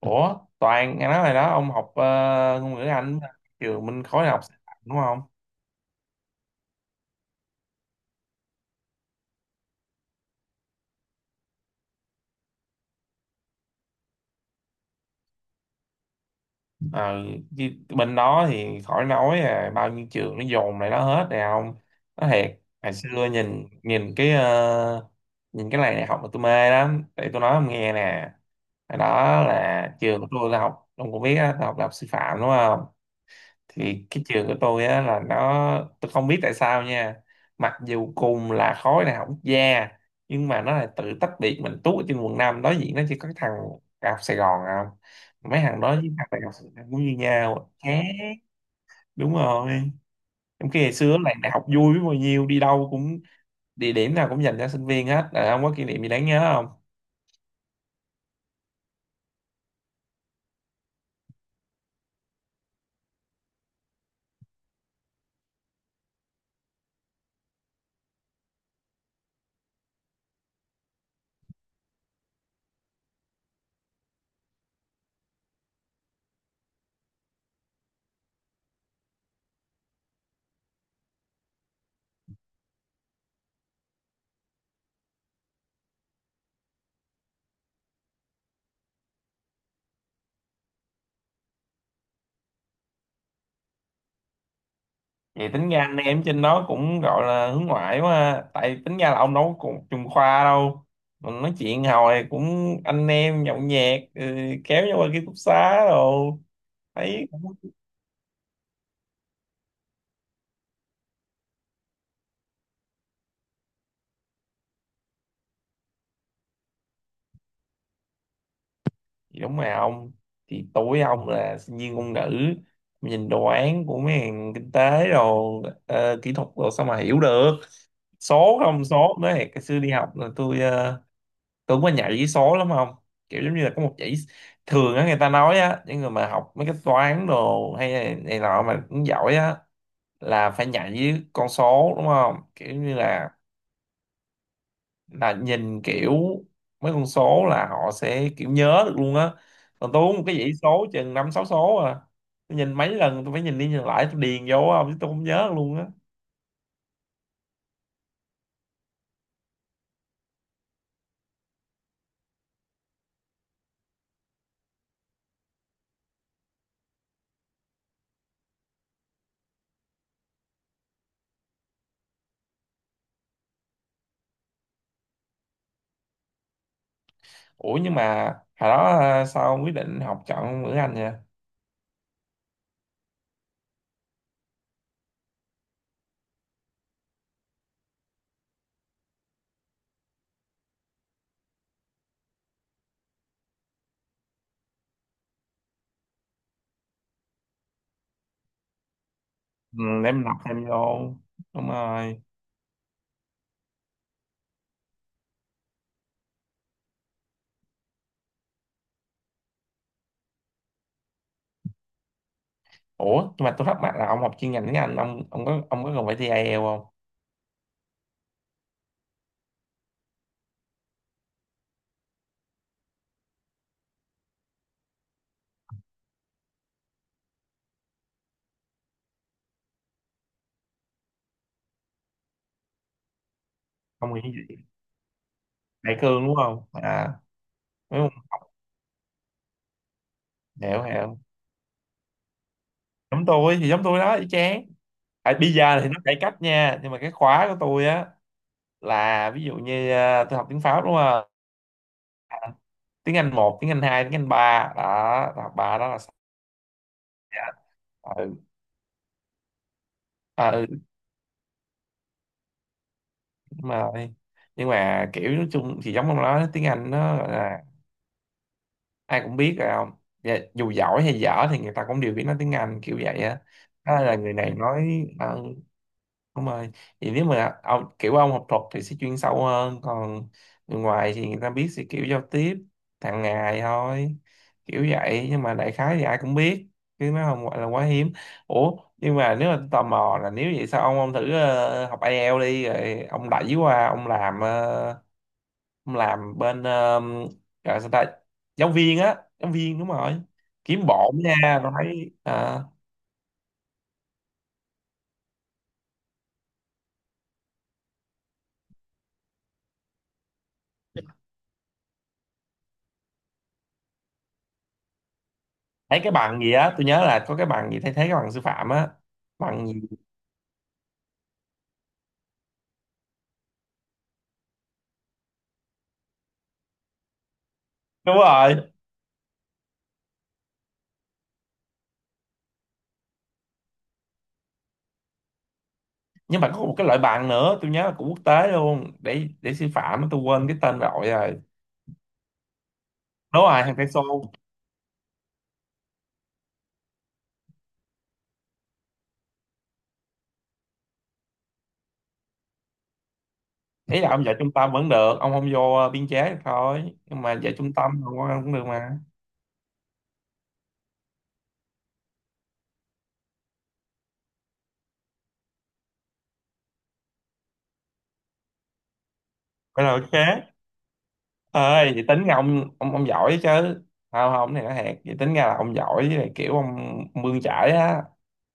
Ủa, Toàn nghe nói rồi đó, ông học ngôn ngữ Anh trường mình khối này học sư phạm đúng không? Ờ, chứ bên đó thì khỏi nói à, bao nhiêu trường nó dồn lại đó hết nè ông. Nó thiệt, hồi xưa nhìn nhìn cái nhìn cái này này học mà tôi mê lắm. Để tôi nói ông nghe nè. Hồi đó là trường của tôi là học, ông cũng biết á, tôi học đại học sư phạm đúng không? Thì cái trường của tôi á là nó tôi không biết tại sao nha, mặc dù cùng là khối đại học quốc gia nhưng mà nó lại tự tách biệt mình tú ở trên quận 5, đối diện nó chỉ có cái thằng đại học Sài Gòn không. Mấy thằng đó với thằng đại học Sài Gòn cũng như nhau khác, đúng rồi. Trong khi ngày xưa là đại học vui biết bao nhiêu, đi đâu cũng địa điểm nào cũng dành cho sinh viên hết. Ờ, ông có kỷ niệm gì đáng nhớ? Vậy tính ra anh em trên đó cũng gọi là hướng ngoại quá ha. Tại tính ra là ông đâu có cùng chung khoa đâu. Mình nói chuyện hồi cũng anh em nhậu nhẹt, ừ, kéo nhau qua ký túc xá rồi. Thấy cũng- thì đúng mà ông. Thì tuổi ông là sinh viên ngôn ngữ. Nhìn đồ án của mấy hàng kinh tế rồi kỹ thuật rồi sao mà hiểu được. Số không số nữa thì cái xưa đi học là tôi tưởng mà nhạy với số lắm không, kiểu giống như là có một dãy thường á, người ta nói á những người mà học mấy cái toán đồ hay này, này nọ mà cũng giỏi á là phải nhạy với con số đúng không, kiểu như là nhìn kiểu mấy con số là họ sẽ kiểu nhớ được luôn á. Còn tôi uống một cái dãy số chừng năm sáu số à, tôi nhìn mấy lần, tôi phải nhìn đi nhìn lại tôi điền vô không, chứ tôi không nhớ luôn á. Ủa nhưng mà hồi đó à, sao ông quyết định học chọn ngữ Anh vậy? Ừ, để mình học thêm vô. Đúng rồi. Ủa nhưng mà tôi thắc mắc là ông học chuyên ngành tiếng Anh, ông có ông có cần phải thi IELTS không? Ông nghĩ gì? Đại cương đúng không à? Đúng không, hiểu hiểu, giống tôi thì giống tôi đó y chang. À, bây giờ thì nó cải cách nha nhưng mà cái khóa của tôi á là ví dụ như à, tôi học tiếng Pháp đúng không, tiếng Anh một tiếng Anh hai tiếng Anh ba đó, tôi học ba đó là sao? Ừ, à, ừ, đúng rồi. Nhưng mà kiểu nói chung thì giống ông nói tiếng Anh nó ai cũng biết rồi không. Dạ, dù giỏi hay dở thì người ta cũng đều biết nói tiếng Anh kiểu vậy á, đó là người này nói. Ờ, đúng rồi. Thì nếu mà ông kiểu ông học thuật thì sẽ chuyên sâu hơn, còn người ngoài thì người ta biết sẽ kiểu giao tiếp hàng ngày thôi, kiểu vậy, nhưng mà đại khái thì ai cũng biết, chứ nó không gọi là quá hiếm. Ủa nhưng mà nếu mà tôi tò mò là nếu vậy sao ông thử học IELTS đi rồi ông đẩy qua ông làm ông làm bên gọi sao ta, giáo viên á, giáo viên, đúng rồi, kiếm bộn nha. Rồi thấy à, thấy cái bằng gì á, tôi nhớ là có cái bằng gì thay thế cái bằng sư phạm á, bằng gì? Đúng rồi. Nhưng mà có một cái loại bằng nữa tôi nhớ là của quốc tế luôn để sư phạm á, tôi quên cái tên rồi rồi. Đúng rồi, hàng peso. Ý là ông dạy trung tâm vẫn được, ông không vô biên chế được thôi nhưng mà dạy trung tâm không cũng được mà, vậy là ok. Ơi vậy tính ra ông giỏi chứ, không không này nó hẹt vậy, tính ra là ông giỏi, với lại kiểu ông bươn chải á,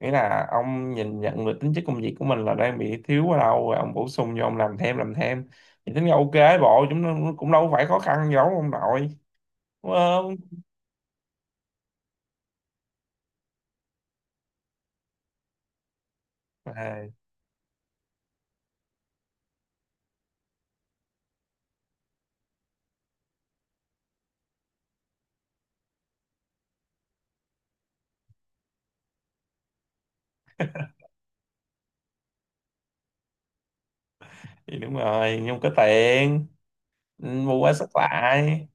nghĩa là ông nhìn nhận được tính chất công việc của mình là đang bị thiếu ở đâu rồi ông bổ sung vô, ông làm thêm làm thêm, thì tính ra ok, bộ chúng nó cũng đâu phải khó khăn gì đâu ông nội, đúng không à, thì đúng rồi nhưng có tiền. Ừ, mua quá sức lại.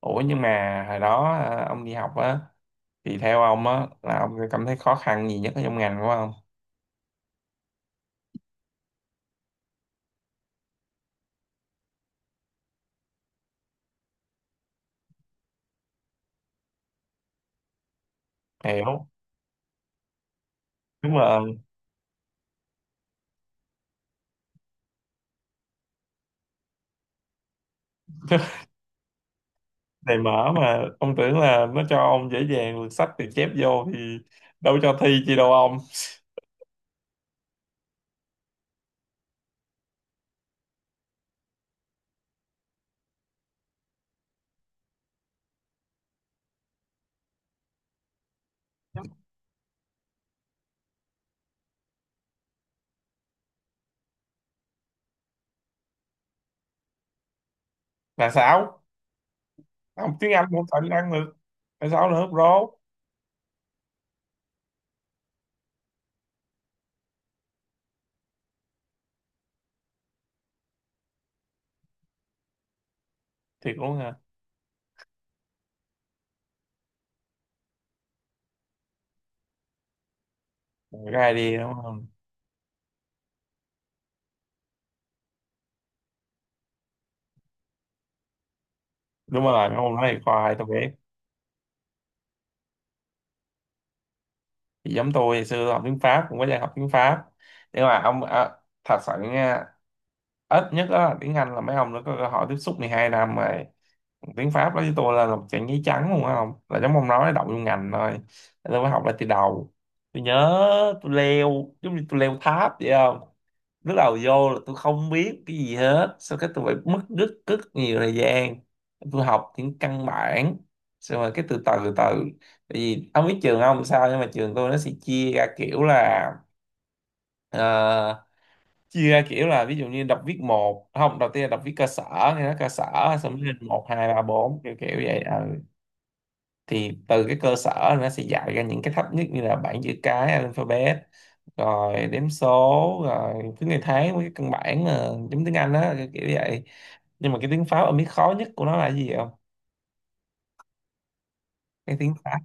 Ủa nhưng mà hồi đó à, ông đi học á thì theo ông á là ông cảm thấy khó khăn gì nhất ở trong ngành của ông? Hiểu, đúng rồi. Này mở mà ông tưởng là nó cho ông dễ dàng lượt sách thì chép vô thì đâu cho thi chi đâu ông. Là sao? Ông tiếng Anh cũng phải năng được là sáu nữa bro. Thì cũng hả, gai đi đúng không, đúng rồi ông nói thì khoai tôi biết. Thì giống tôi ngày xưa tôi học tiếng Pháp cũng có dạy học tiếng Pháp, nhưng mà ông à, thật sự nha, ít nhất đó là tiếng Anh là mấy ông nó có cơ hội tiếp xúc 12 năm rồi, tiếng Pháp đó với tôi là một trang giấy trắng luôn á, không là giống ông nói đậu vô ngành thôi. Nên tôi mới học lại từ đầu. Tôi nhớ tôi leo giống như tôi leo tháp vậy không, lúc đầu vô là tôi không biết cái gì hết, sau cái tôi phải mất rất rất nhiều thời gian, tôi học những căn bản xong rồi cái từ từ từ từ, tại vì ông biết trường ông sao, nhưng mà trường tôi nó sẽ chia ra kiểu là ờ, chia ra kiểu là ví dụ như đọc viết một, không, đầu tiên là đọc viết cơ sở, nghe nói cơ sở, xong rồi lên một hai ba bốn kiểu kiểu vậy. Ừ, thì từ cái cơ sở nó sẽ dạy ra những cái thấp nhất như là bảng chữ cái alphabet, rồi đếm số, rồi thứ ngày tháng, với cái căn bản mà giống tiếng Anh á kiểu kiểu vậy. Nhưng mà cái tiếng Pháp ông biết khó nhất của nó là cái gì không? Cái tiếng Pháp,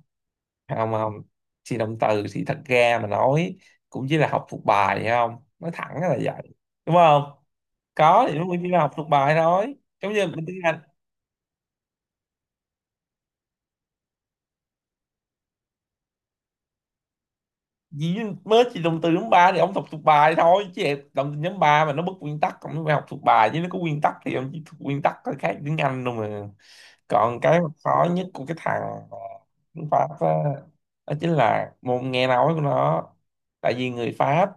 không không, thì động từ thì thật ra mà nói cũng chỉ là học thuộc bài hay không, nói thẳng là vậy, đúng không, có thì nó cũng chỉ là học thuộc bài thôi, giống như mình tiếng Anh. Gì, mới chỉ dùng từ nhóm ba thì ông học thuộc bài thôi chứ, đồng từ nhóm ba mà nó bất nguyên tắc ông phải học thuộc bài chứ, nó có nguyên tắc thì ông chỉ thuộc nguyên tắc thôi, khác tiếng Anh đâu mà. Còn cái mà khó nhất của cái thằng ờ, tiếng Pháp á, đó chính là môn nghe nói của nó. Tại vì người Pháp,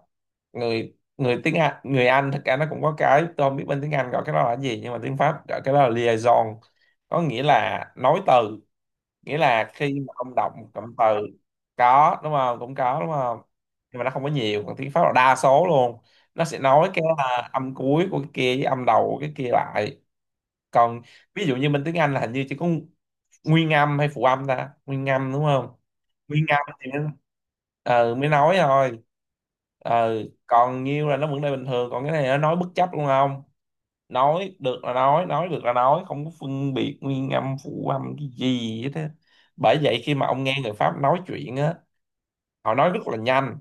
người người tiếng Anh người Anh thật ra nó cũng có cái, tôi không biết bên tiếng Anh gọi cái đó là gì nhưng mà tiếng Pháp gọi cái đó là liaison, có nghĩa là nối từ, nghĩa là khi mà ông đọc một cụm từ. Có đúng không, cũng có đúng không. Nhưng mà nó không có nhiều, còn tiếng Pháp là đa số luôn, nó sẽ nói cái à, âm cuối của cái kia với âm đầu của cái kia lại. Còn ví dụ như bên tiếng Anh là hình như chỉ có nguyên âm hay phụ âm ta, nguyên âm đúng không, nguyên âm thì mới, mới nói thôi. Ờ, còn nhiêu là nó vẫn đây bình thường, còn cái này nó nói bất chấp luôn không, nói được là nói được là nói, không có phân biệt nguyên âm phụ âm cái gì hết á. Bởi vậy khi mà ông nghe người Pháp nói chuyện á, họ nói rất là nhanh,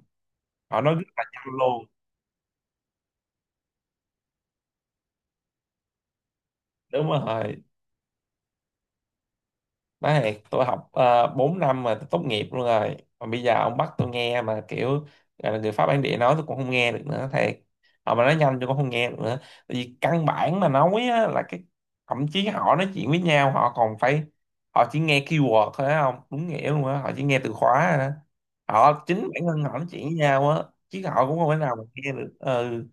họ nói rất là nhanh luôn, đúng rồi. Đấy, tôi học 4 năm mà tôi tốt nghiệp luôn rồi. Mà bây giờ ông bắt tôi nghe mà kiểu gọi là người Pháp bản địa nói tôi cũng không nghe được nữa thiệt. Họ mà nói nhanh tôi cũng không nghe được nữa. Tại vì căn bản mà nói á, là cái thậm chí họ nói chuyện với nhau họ còn phải họ chỉ nghe keyword thôi á không? Đúng nghĩa luôn á, họ chỉ nghe từ khóa rồi đó. Họ chính bản thân họ nói chuyện với nhau á chứ họ cũng không thể nào mà nghe được. Ừ,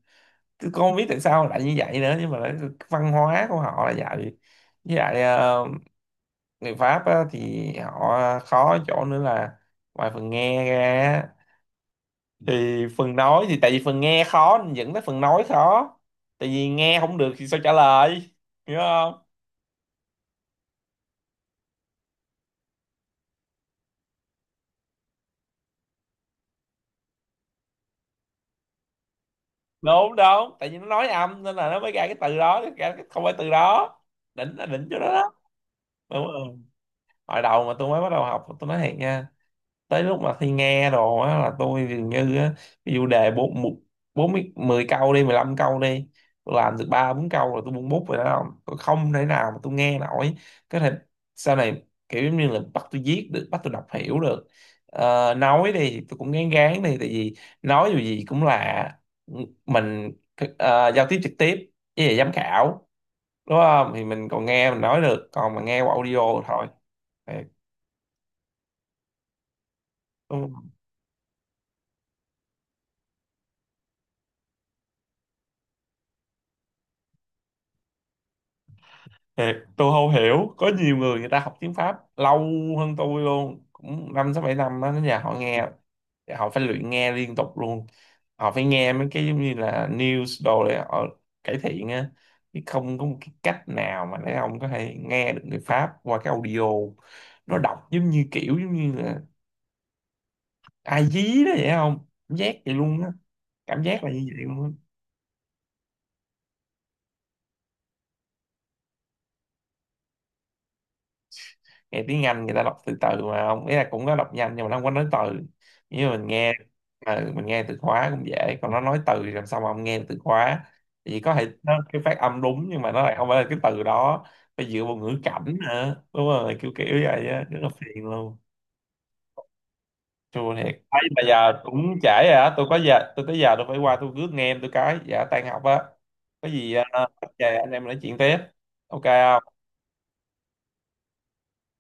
tôi không biết tại sao lại như vậy nữa nhưng mà lại- văn hóa của họ là vậy. Với lại người Pháp á, thì họ khó chỗ nữa là ngoài phần nghe ra á, thì phần nói thì tại vì phần nghe khó nên dẫn tới phần nói khó, tại vì nghe không được thì sao trả lời, hiểu không. Đúng đúng, tại vì nó nói âm nên là nó mới ra cái từ đó ra, cái không phải từ đó, đỉnh là đỉnh chỗ đó đó. Đúng rồi, hồi đầu mà tôi mới bắt đầu học tôi nói thiệt nha, tới lúc mà thi nghe đồ á là tôi dường như á, ví dụ đề bốn một- bốn mươi mười câu đi, 15 câu đi, tôi làm được ba bốn câu rồi tôi buông bút rồi đó không, tôi không thể nào mà tôi nghe nổi. Có thể sau này kiểu giống như là bắt tôi viết được, bắt tôi đọc hiểu được. Ờ, nói đi thì tôi cũng gán gán đi, tại vì nói dù gì cũng là mình giao tiếp trực tiếp với lại giám khảo đúng không, thì mình còn nghe mình nói được, còn mà nghe qua audio thôi. Thì thiệt, tôi không hiểu có nhiều người người ta học tiếng Pháp lâu hơn tôi luôn cũng năm sáu bảy năm á nhà họ nghe, họ phải luyện nghe liên tục luôn, họ phải nghe mấy cái giống như là news đồ để họ cải thiện á, chứ không có một cái cách nào mà để ông có thể nghe được người Pháp qua cái audio, nó đọc giống như kiểu giống như là ai dí đó vậy không, cảm giác vậy luôn á, cảm giác là như vậy luôn á. Nghe tiếng Anh người ta đọc từ từ mà ông ý là cũng có đọc nhanh nhưng mà nó không có nói từ như mình nghe. Ừ, mình nghe từ khóa cũng dễ, còn nó nói từ thì làm sao mà ông nghe được từ khóa, thì có thể nó cái phát âm đúng nhưng mà nó lại không phải là cái từ đó, phải dựa vào ngữ cảnh nữa, đúng rồi kiểu kiểu vậy á, rất là phiền luôn. Chua thiệt ấy mà giờ cũng trễ rồi á, tôi có giờ tôi tới giờ tôi phải qua tôi rước nghe em tôi cái dạ tan học á. Có gì về anh em nói chuyện tiếp, ok không?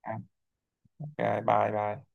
À, ok, bye bye.